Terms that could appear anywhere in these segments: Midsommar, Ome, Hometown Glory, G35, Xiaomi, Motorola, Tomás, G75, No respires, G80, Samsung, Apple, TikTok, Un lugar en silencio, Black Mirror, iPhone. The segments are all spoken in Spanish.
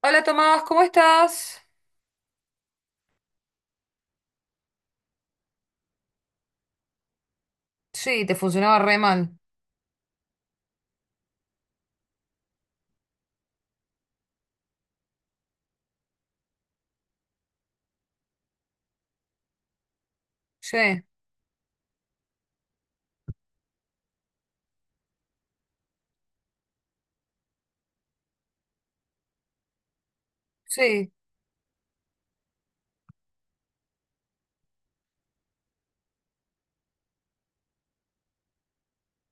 Hola Tomás, ¿cómo estás? Sí, te funcionaba re mal. Sí, sí,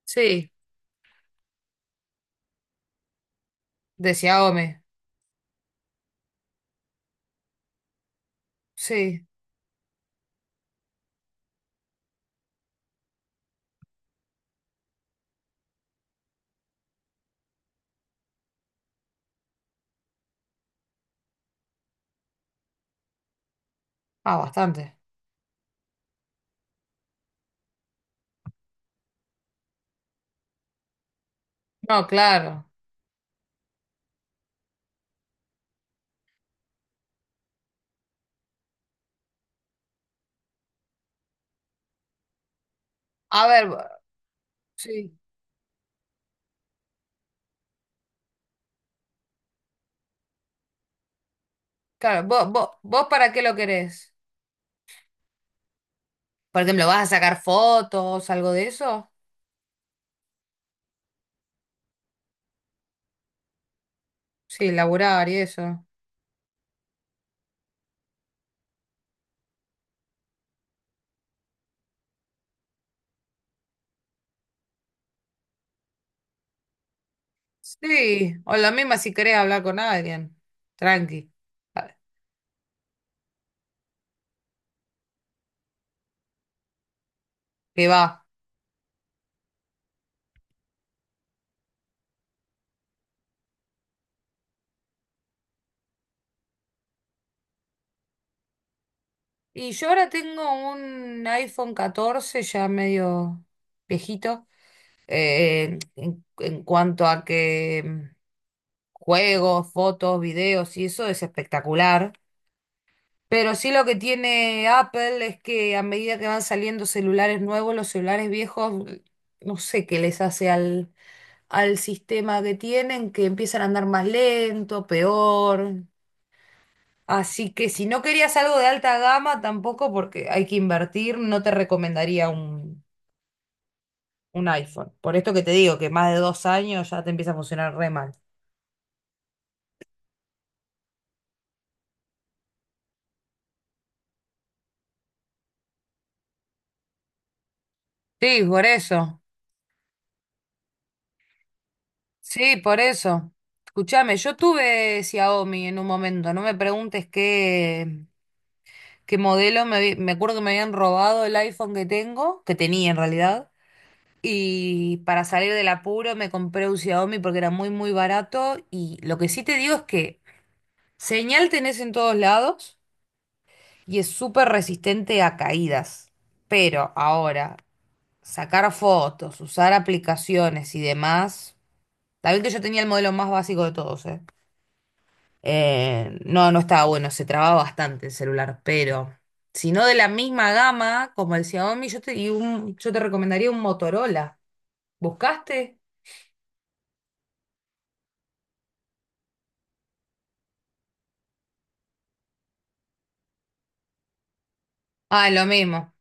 sí, decía Ome. Sí, ah, bastante. No, claro. A ver, sí, claro, ¿vos para qué lo querés? Por ejemplo, ¿vas a sacar fotos, algo de eso? Sí, laburar y eso. Sí, o la misma si querés hablar con alguien. Tranqui, a- que va. Y yo ahora tengo un iPhone 14 ya medio viejito. En cuanto a que juegos, fotos, videos y eso es espectacular. Pero sí, lo que tiene Apple es que a medida que van saliendo celulares nuevos, los celulares viejos, no sé qué les hace al, al sistema que tienen, que empiezan a andar más lento, peor. Así que si no querías algo de alta gama, tampoco, porque hay que invertir, no te recomendaría un iPhone. Por esto que te digo, que más de 2 años ya te empieza a funcionar re mal. Sí, por eso. Sí, por eso. Escúchame, yo tuve Xiaomi en un momento, no me preguntes qué modelo. Me acuerdo que me habían robado el iPhone que tengo, que tenía en realidad, y para salir del apuro me compré un Xiaomi porque era muy, muy barato, y lo que sí te digo es que señal tenés en todos lados y es súper resistente a caídas, pero ahora, sacar fotos, usar aplicaciones y demás. Está bien que yo tenía el modelo más básico de todos, ¿eh? No, no estaba bueno, se trababa bastante el celular, pero si no de la misma gama como el Xiaomi, yo te recomendaría un Motorola. ¿Buscaste? Ah, lo mismo.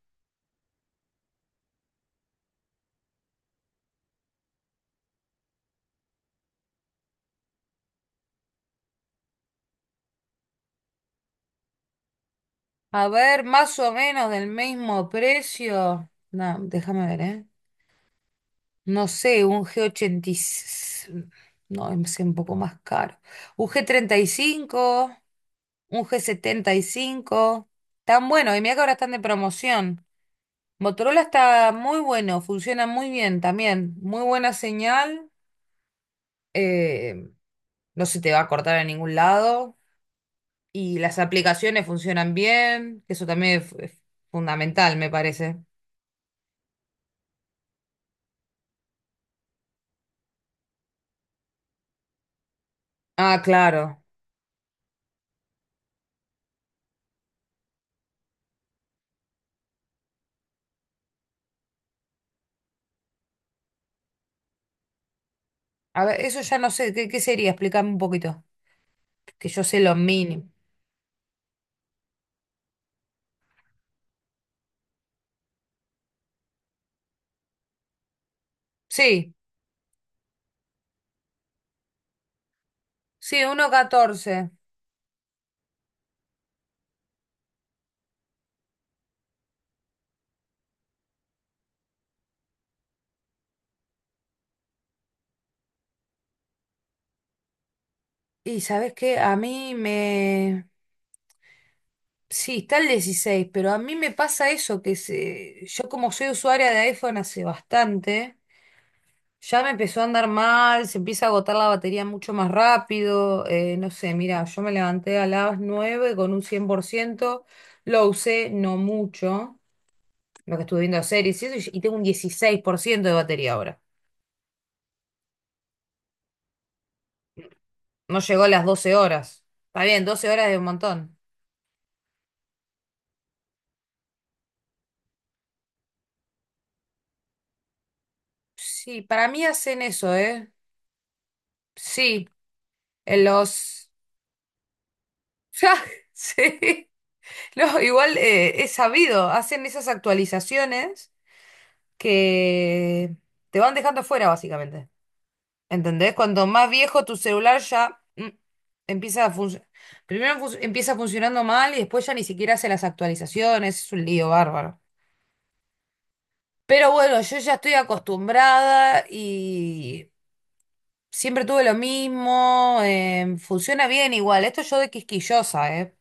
A ver, más o menos del mismo precio. No, déjame ver, ¿eh? No sé, un G80. No, es un poco más caro. Un G35, un G75. Tan bueno, y mira que ahora están de promoción. Motorola está muy bueno, funciona muy bien también, muy buena señal. eh, no se te va a cortar a ningún lado, y las aplicaciones funcionan bien, eso también es fundamental, me parece. Ah, claro. A ver, eso ya no sé, ¿qué, sería? Explícame un poquito, que yo sé lo mínimo. Sí, sí, uno punto catorce. Y ¿sabes qué? A mí me... Sí, está el 16, pero a mí me pasa eso, que se... yo, como soy usuaria de iPhone hace bastante... Ya me empezó a andar mal, se empieza a agotar la batería mucho más rápido. No sé, mira, yo me levanté a las 9 con un 100%, lo usé no mucho, lo que estuve viendo series y eso, tengo un 16% de batería ahora. No llegó a las 12 horas. Está bien, 12 horas es un montón. Sí, para mí hacen eso, ¿eh? Sí, en los... Ya, sí. No, igual, es sabido, hacen esas actualizaciones que te van dejando fuera, básicamente. ¿Entendés? Cuanto más viejo tu celular ya empieza a funcionar. Empieza funcionando mal y después ya ni siquiera hace las actualizaciones. Es un lío bárbaro. Pero bueno, yo ya estoy acostumbrada y siempre tuve lo mismo. Funciona bien igual. Esto yo, de quisquillosa, ¿eh?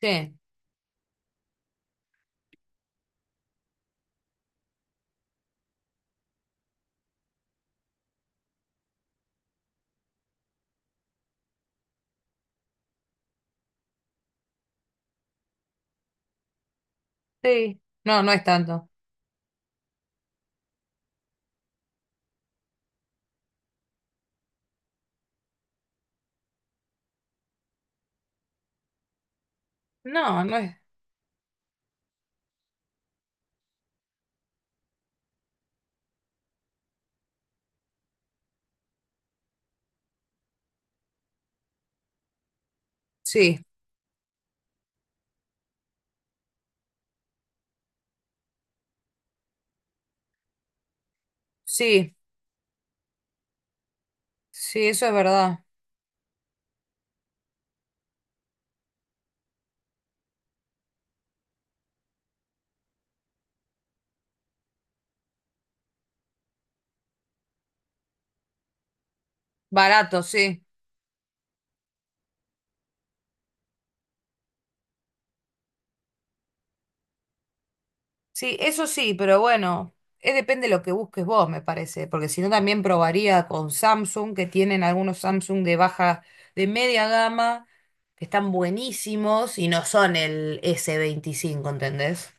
Sí, sí. No, no es tanto. No, no es. Sí, sí, sí, eso es verdad. Barato, sí. Sí, eso sí, pero bueno, depende de lo que busques vos, me parece, porque si no también probaría con Samsung, que tienen algunos Samsung de baja, de media gama, que están buenísimos y no son el S25, ¿entendés?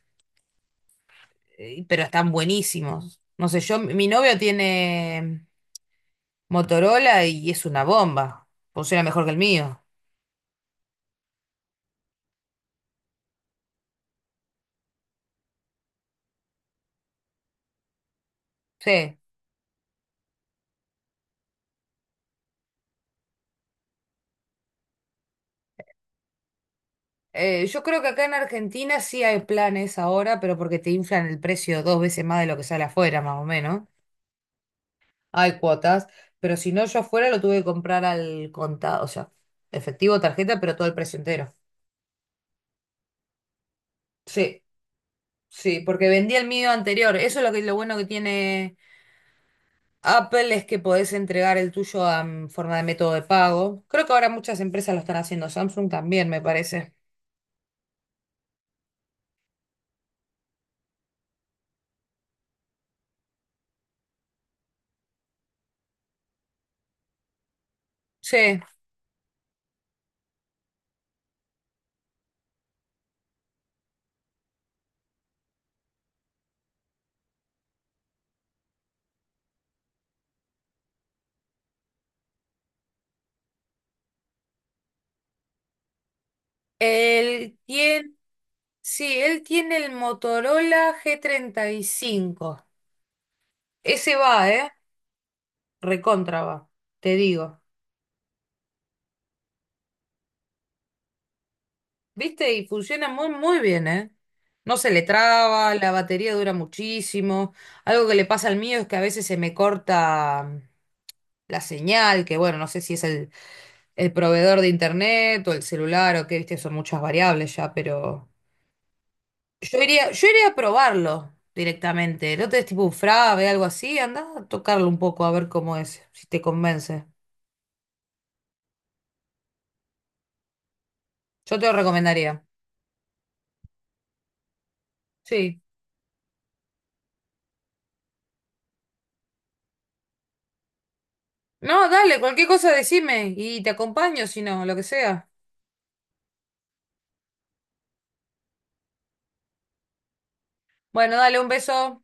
Pero están buenísimos. No sé, yo, mi novio tiene Motorola y es una bomba, funciona mejor que el mío. Sí. Yo creo que acá en Argentina sí hay planes ahora, pero porque te inflan el precio dos veces más de lo que sale afuera, más o menos. Hay cuotas, pero si no, yo afuera lo tuve que comprar al contado, o sea, efectivo, tarjeta, pero todo el precio entero. Sí, sí, porque vendí el mío anterior. Eso es lo que lo bueno que tiene Apple, es que podés entregar el tuyo a, en forma de método de pago. Creo que ahora muchas empresas lo están haciendo, Samsung también, me parece. Sí. Él tiene, sí, él tiene el Motorola G35. Ese va, ¿eh? Recontra va, te digo. ¿Viste? Y funciona muy, muy bien, ¿eh? No se le traba, la batería dura muchísimo. Algo que le pasa al mío es que a veces se me corta la señal, que bueno, no sé si es el, proveedor de internet o el celular o qué, viste, son muchas variables ya, pero yo iría a probarlo directamente. No te des tipo un frave, algo así, anda a tocarlo un poco a ver cómo es, si te convence. Yo te lo recomendaría. Sí. No, dale, cualquier cosa decime y te acompaño, si no, lo que sea. Bueno, dale un beso.